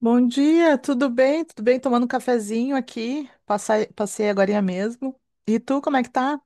Bom dia, tudo bem? Tudo bem? Tomando um cafezinho aqui. Passei agorinha mesmo. E tu, como é que tá?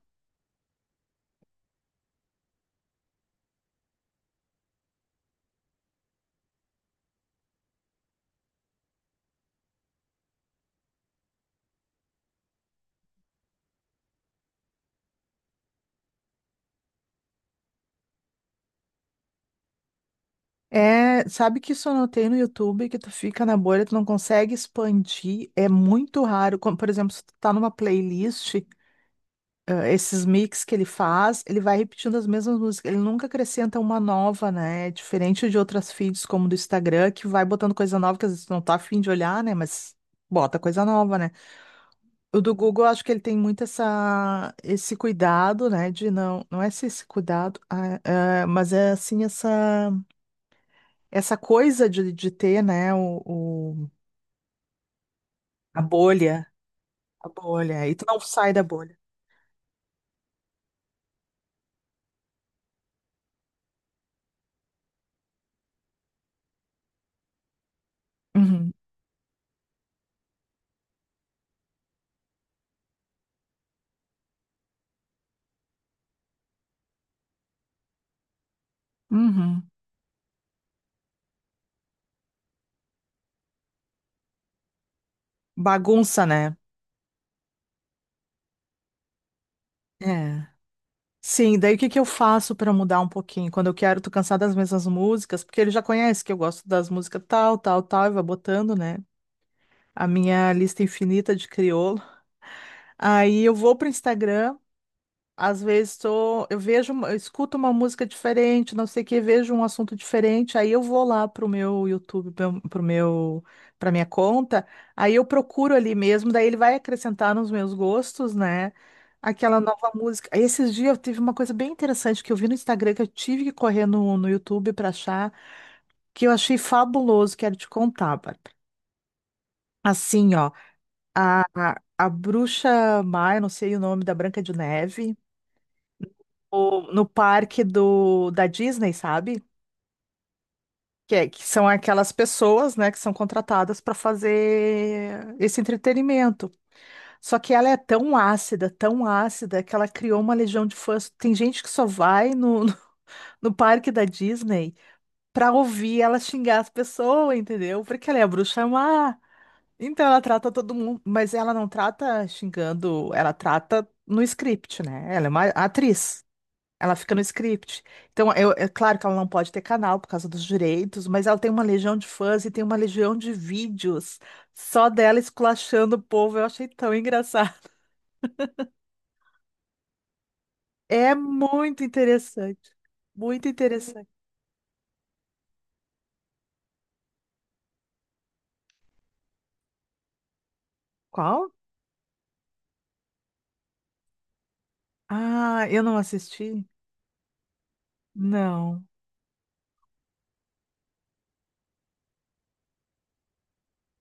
É, sabe que isso eu notei no YouTube, que tu fica na bolha, tu não consegue expandir, é muito raro. Como, por exemplo, se tu tá numa playlist, esses mix que ele faz, ele vai repetindo as mesmas músicas, ele nunca acrescenta uma nova, né? É diferente de outras feeds como do Instagram, que vai botando coisa nova, que às vezes tu não tá afim de olhar, né? Mas bota coisa nova, né? O do Google, eu acho que ele tem muito essa, esse cuidado, né? De não, não é esse cuidado, mas é assim, essa. Essa coisa de ter, né, o, o- a bolha, e tu não sai da bolha. Uhum, uhum. Bagunça, né? É. Sim, daí o que que eu faço pra mudar um pouquinho? Quando eu quero, tô cansada das mesmas músicas, porque ele já conhece que eu gosto das músicas tal, tal, tal, e vai botando, né? A minha lista infinita de crioulo. Aí eu vou pro Instagram. Às vezes tô, eu vejo, eu escuto uma música diferente, não sei o que, vejo um assunto diferente, aí eu vou lá pro meu YouTube, pro meu, pra minha conta, aí eu procuro ali mesmo, daí ele vai acrescentar nos meus gostos, né? Aquela nova música. Aí esses dias eu tive uma coisa bem interessante que eu vi no Instagram, que eu tive que correr no, no YouTube pra achar, que eu achei fabuloso, quero te contar, Bárbara. Assim, ó, a bruxa má, eu não sei o nome da Branca de Neve. No parque do, da Disney, sabe? Que, que são aquelas pessoas, né, que são contratadas para fazer esse entretenimento. Só que ela é tão ácida, que ela criou uma legião de fãs. Tem gente que só vai no, no, no parque da Disney pra ouvir ela xingar as pessoas, entendeu? Porque ela é a bruxa má. Então ela trata todo mundo, mas ela não trata xingando, ela trata no script, né? Ela é uma atriz. Ela fica no script. Então, é claro que ela não pode ter canal por causa dos direitos, mas ela tem uma legião de fãs e tem uma legião de vídeos só dela esculachando o povo. Eu achei tão engraçado. É muito interessante. Muito interessante. Qual? Ah, eu não assisti? Não.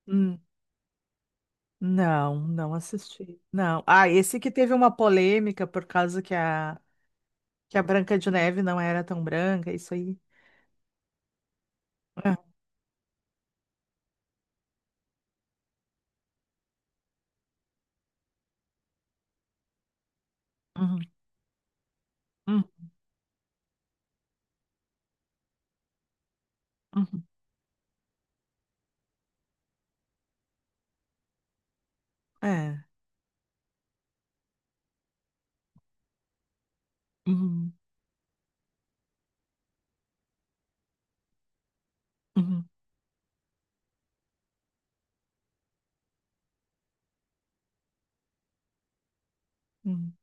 Hum, não, não assisti. Não. Ah, esse que teve uma polêmica por causa que a Branca de Neve não era tão branca, isso aí. É. Uhum, uhum, uhum. É. Uhum, uhum. Hum.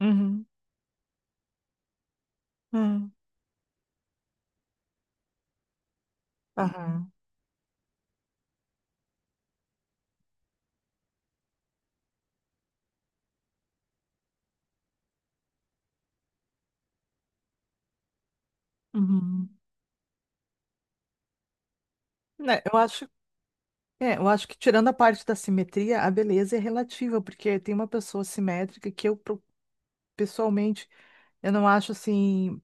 Uhum. É, aham, uhum. Né, eu acho, é, eu acho que tirando a parte da simetria, a beleza é relativa, porque tem uma pessoa simétrica que eu pessoalmente eu não acho assim,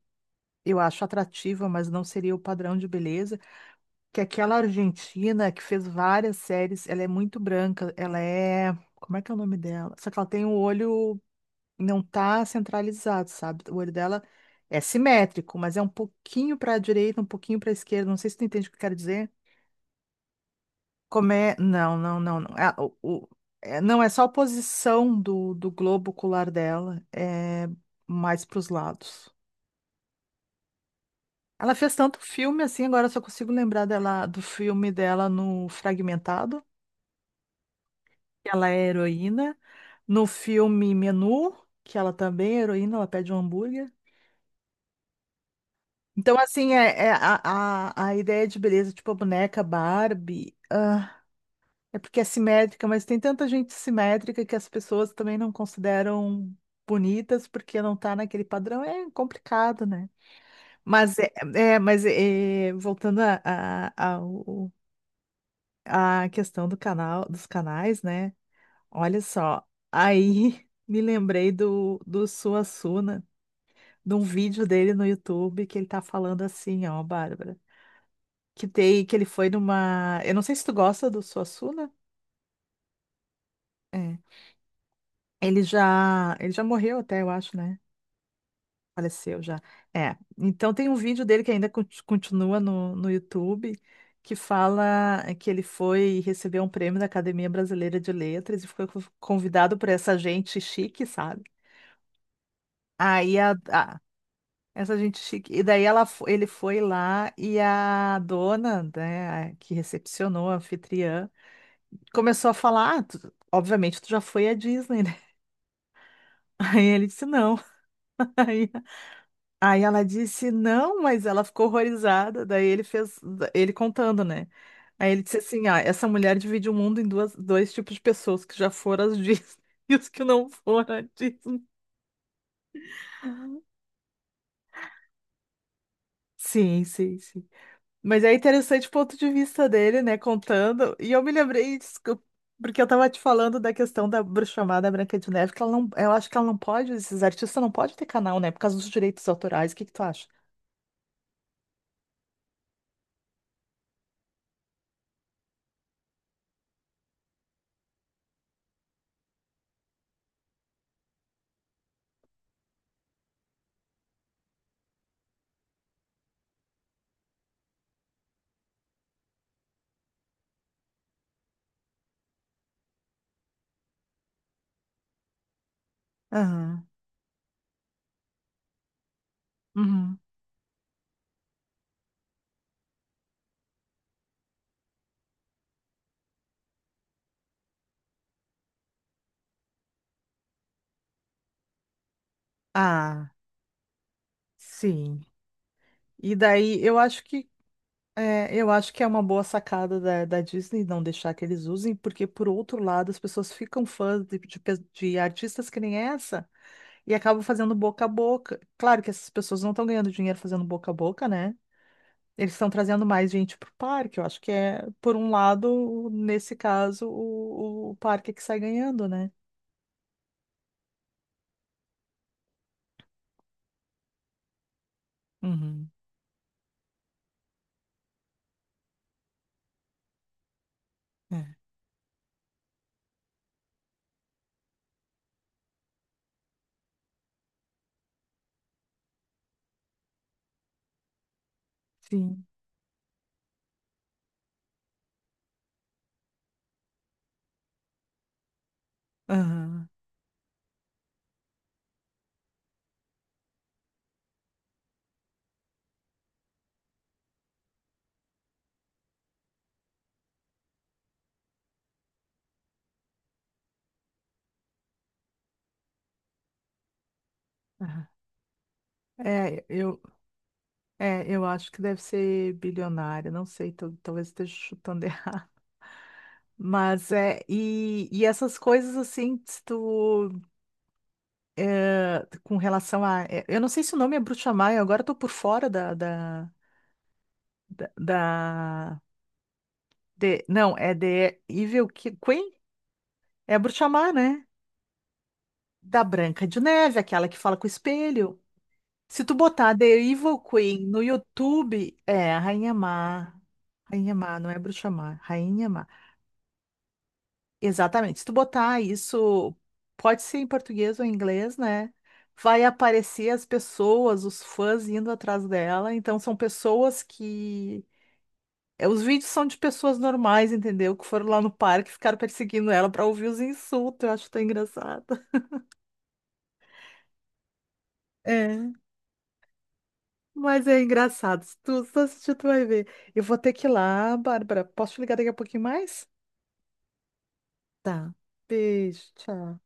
eu acho atrativa, mas não seria o padrão de beleza, que é aquela argentina que fez várias séries, ela é muito branca, ela é, como é que é o nome dela? Só que ela tem o olho não tá centralizado, sabe? O olho dela é simétrico, mas é um pouquinho para a direita, um pouquinho para a esquerda. Não sei se tu entende o que eu quero dizer. Como é? Não, não, não, não. Ah, é, não é só a posição do, do globo ocular dela, é mais para os lados. Ela fez tanto filme assim, agora eu só consigo lembrar dela do filme dela no Fragmentado, que ela é heroína, no filme Menu, que ela também é heroína, ela pede um hambúrguer. Então, assim, a ideia de beleza, tipo a boneca Barbie, ah, é porque é simétrica, mas tem tanta gente simétrica que as pessoas também não consideram bonitas porque não tá naquele padrão. É complicado, né? Mas, voltando à à questão do canal, dos canais, né? Olha só, aí me lembrei do, do Suassuna, de um vídeo dele no YouTube que ele tá falando assim, ó, Bárbara. Que, tem, que ele foi numa. Eu não sei se tu gosta do Suassuna. É. Ele já morreu até, eu acho, né? Faleceu já. É. Então tem um vídeo dele que ainda continua no, no YouTube, que fala que ele foi receber um prêmio da Academia Brasileira de Letras e foi convidado por essa gente chique, sabe? Aí essa gente chique. E daí ela, ele foi lá e a dona, né, a que recepcionou, a anfitriã, começou a falar, "Ah, obviamente tu já foi à Disney, né?" Aí ele disse não. Aí, aí ela disse não, mas ela ficou horrorizada. Daí ele fez, ele contando, né? Aí ele disse assim, ah, essa mulher divide o mundo em duas, dois tipos de pessoas que já foram às Disney e os que não foram à Disney. Sim, sim, sim. Mas é interessante o ponto de vista dele, né, contando. E eu me lembrei disso, porque eu estava te falando da questão da bruxa chamada Branca de Neve, que ela não, eu acho que ela não pode, esses artistas não podem ter canal, né, por causa dos direitos autorais. O que que tu acha? Aham. Uhum. Ah, sim. E daí eu acho que é, eu acho que é uma boa sacada da, da Disney não deixar que eles usem, porque por outro lado as pessoas ficam fãs de de artistas que nem essa. E acabam fazendo boca a boca. Claro que essas pessoas não estão ganhando dinheiro fazendo boca a boca, né? Eles estão trazendo mais gente pro parque. Eu acho que é, por um lado, nesse caso, o parque é que sai ganhando, né? Uhum. É. Sim. Aham. Aham. É, eu, eu acho que deve ser bilionária, não sei, talvez esteja chutando errado. Mas essas coisas assim, se tu, é, com relação a. É, eu não sei se o nome é bruxamar, eu agora tô por fora da, da, Da, da- não, é The Evil Queen? É a bruxa má, né? Da Branca de Neve, aquela que fala com o espelho. Se tu botar The Evil Queen no YouTube, é a Rainha Má. Rainha Má, não é bruxa má, Rainha Má. Exatamente. Se tu botar isso, pode ser em português ou em inglês, né? Vai aparecer as pessoas, os fãs indo atrás dela. Então, são pessoas que é, os vídeos são de pessoas normais, entendeu? Que foram lá no parque e ficaram perseguindo ela pra ouvir os insultos. Eu acho tão engraçado. É. Mas é engraçado. Se tu, se tu assistir, tu vai ver. Eu vou ter que ir lá, Bárbara. Posso te ligar daqui a pouquinho mais? Tá. Beijo, tchau.